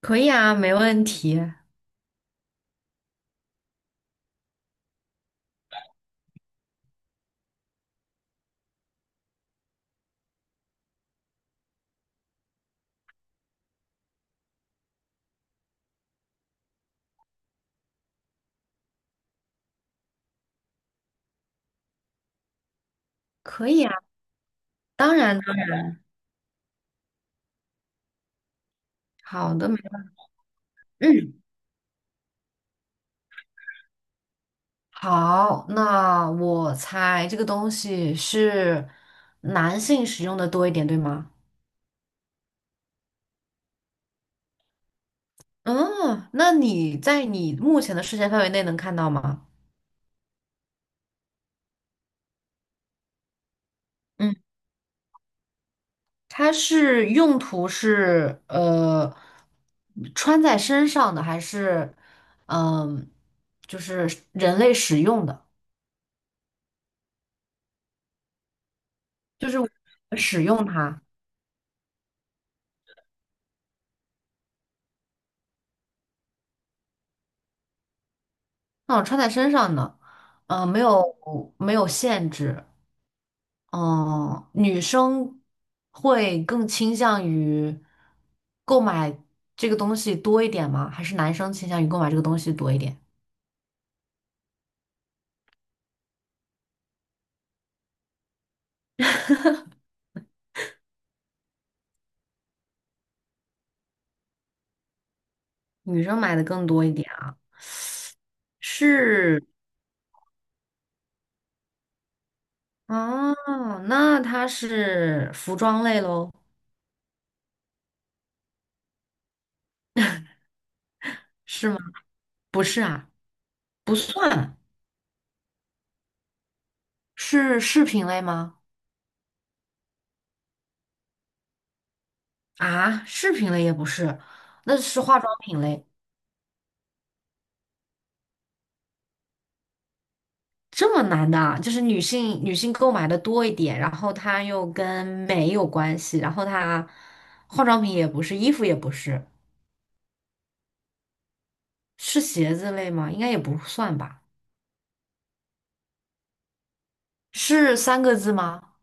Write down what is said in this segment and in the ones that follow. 可以啊，没问题。可以啊，当然呢。好的，没嗯，好，那我猜这个东西是男性使用的多一点，对吗？嗯，那你在你目前的视线范围内能看到吗？嗯，它是用途是穿在身上的，还是嗯、就是人类使用的，就是我们使用它？那种穿在身上呢，没有限制。嗯、女生会更倾向于购买这个东西多一点吗？还是男生倾向于购买这个东西多一点？女生买的更多一点啊？是。哦，那它是服装类喽？是吗？不是啊，不算。是饰品类吗？啊，饰品类也不是。那是化妆品类。这么难的啊，就是女性购买的多一点，然后它又跟美有关系，然后它化妆品也不是，衣服也不是，是鞋子类吗？应该也不算吧。是三个字吗？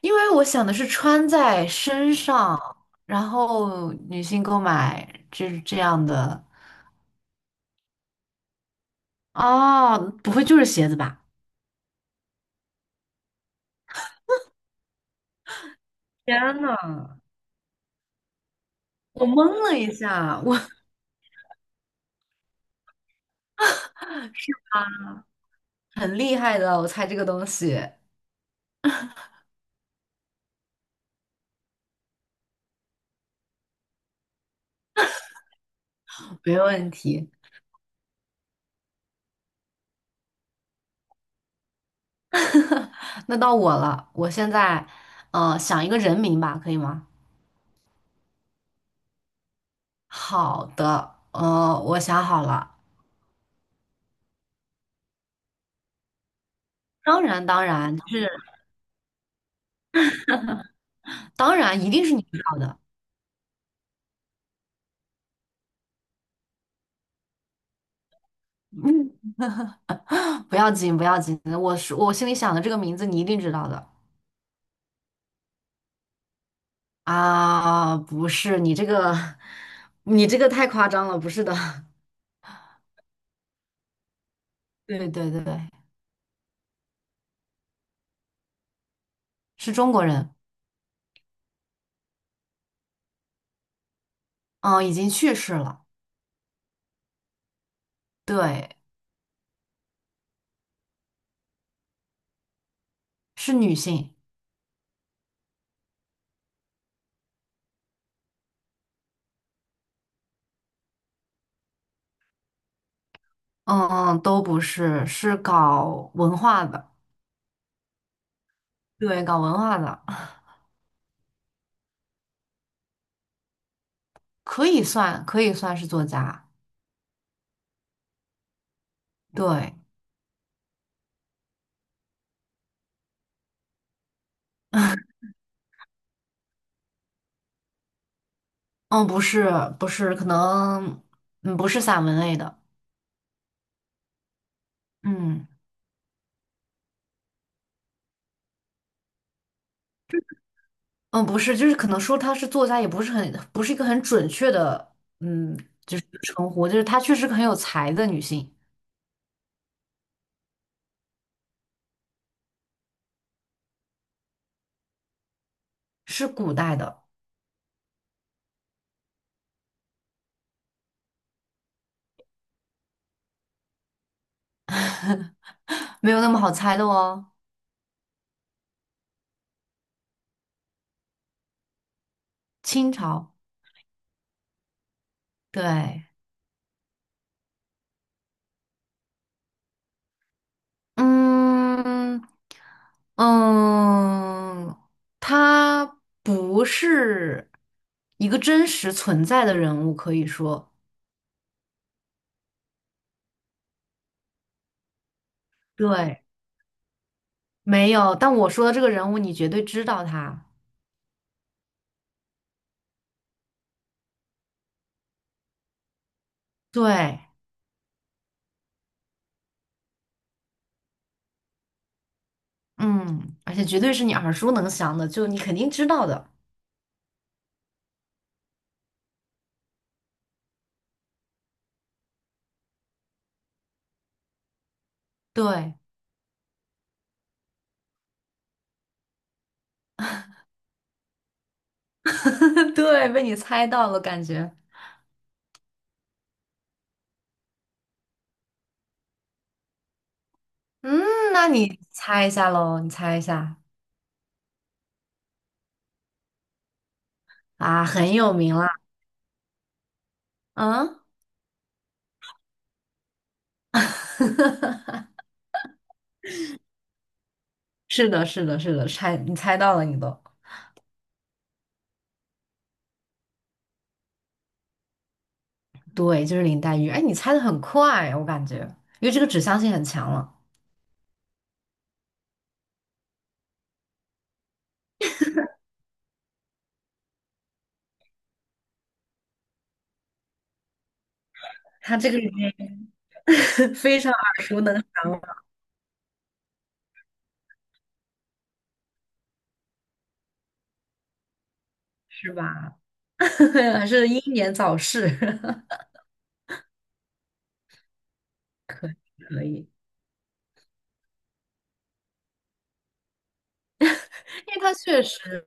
因为我想的是穿在身上，然后女性购买就是这样的。哦，不会就是鞋子吧？天呐，我懵了一下，我 很厉害的，我猜这个东西没问题。那到我了，我现在想一个人名吧，可以吗？好的，我想好了。当然，当然就是，当然一定是你知道的。嗯，不要紧，不要紧，我是我心里想的这个名字，你一定知道的啊。不是，你这个，你这个太夸张了，不是的。对对对，是中国人。嗯，已经去世了。对，是女性。嗯，都不是，是搞文化的。对，搞文化的。可以算，可以算是作家。对。嗯，不是。不是，可能，嗯，不是散文类的。嗯。嗯，不是，就是可能说她是作家，也不是很，不是一个很准确的，嗯，称呼，就是她确实很有才的女性。是古代的。没有那么好猜的哦。清朝，对。嗯嗯，他不是一个真实存在的人物，可以说。对，没有。但我说的这个人物，你绝对知道他。对。嗯，而且绝对是你耳熟能详的，就你肯定知道的。对。对，被你猜到了，感觉。嗯，那你猜一下喽，你猜一下。啊，很有名啦。嗯，是的，是的，是的，猜，你猜到了，你都。对，就是林黛玉。哎，你猜的很快啊，我感觉，因为这个指向性很强了。他这个已经 非常耳熟能详了。是吧？还是英年早逝。可以。因为他确实，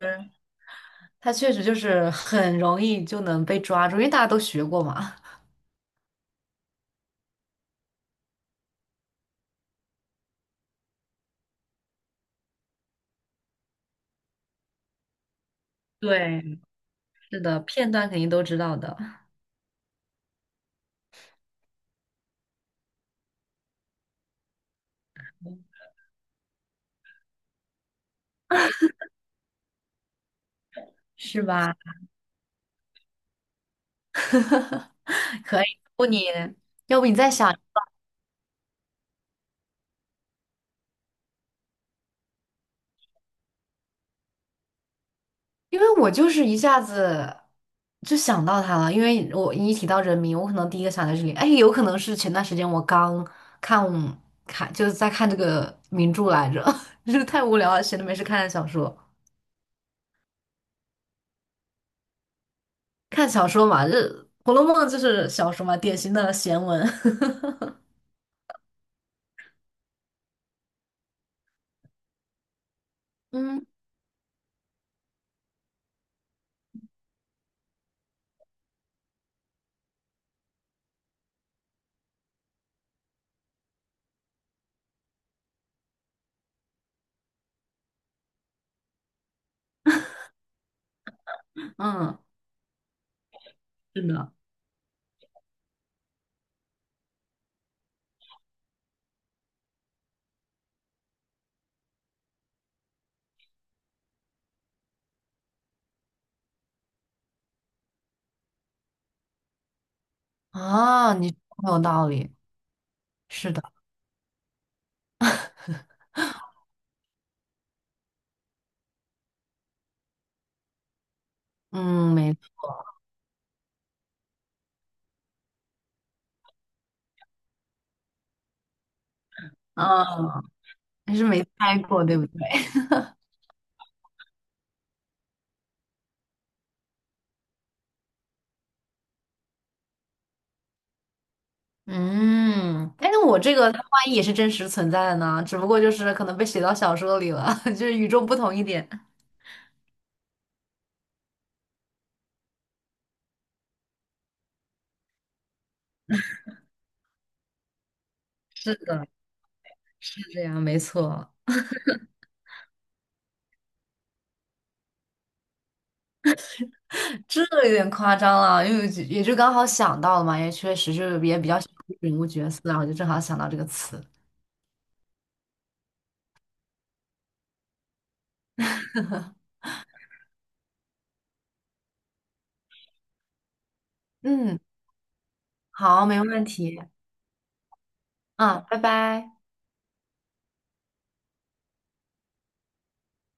他确实就是很容易就能被抓住，因为大家都学过嘛。对，是的，片段肯定都知道的。是吧？可以，要不你，要不你再想。因为我就是一下子就想到他了，因为我一提到人名，我可能第一个想到这里。哎，有可能是前段时间我刚看看就是在看这个名著来着，就是太无聊了，闲着没事看看小说。看小说嘛，这《红楼梦》就是小说嘛，典型的闲文。嗯。嗯，是的。啊，你说得很有道理。是的。嗯，没，啊，还是没猜过，对不对？嗯，哎，那我这个它万一也是真实存在的呢？只不过就是可能被写到小说里了，就是与众不同一点。是的，是这样，没错。这有点夸张了，因为就也就刚好想到了嘛，也确实是也比较喜欢人物角色啊，然后就正好想到这个词。嗯，好，没问题。嗯，拜拜。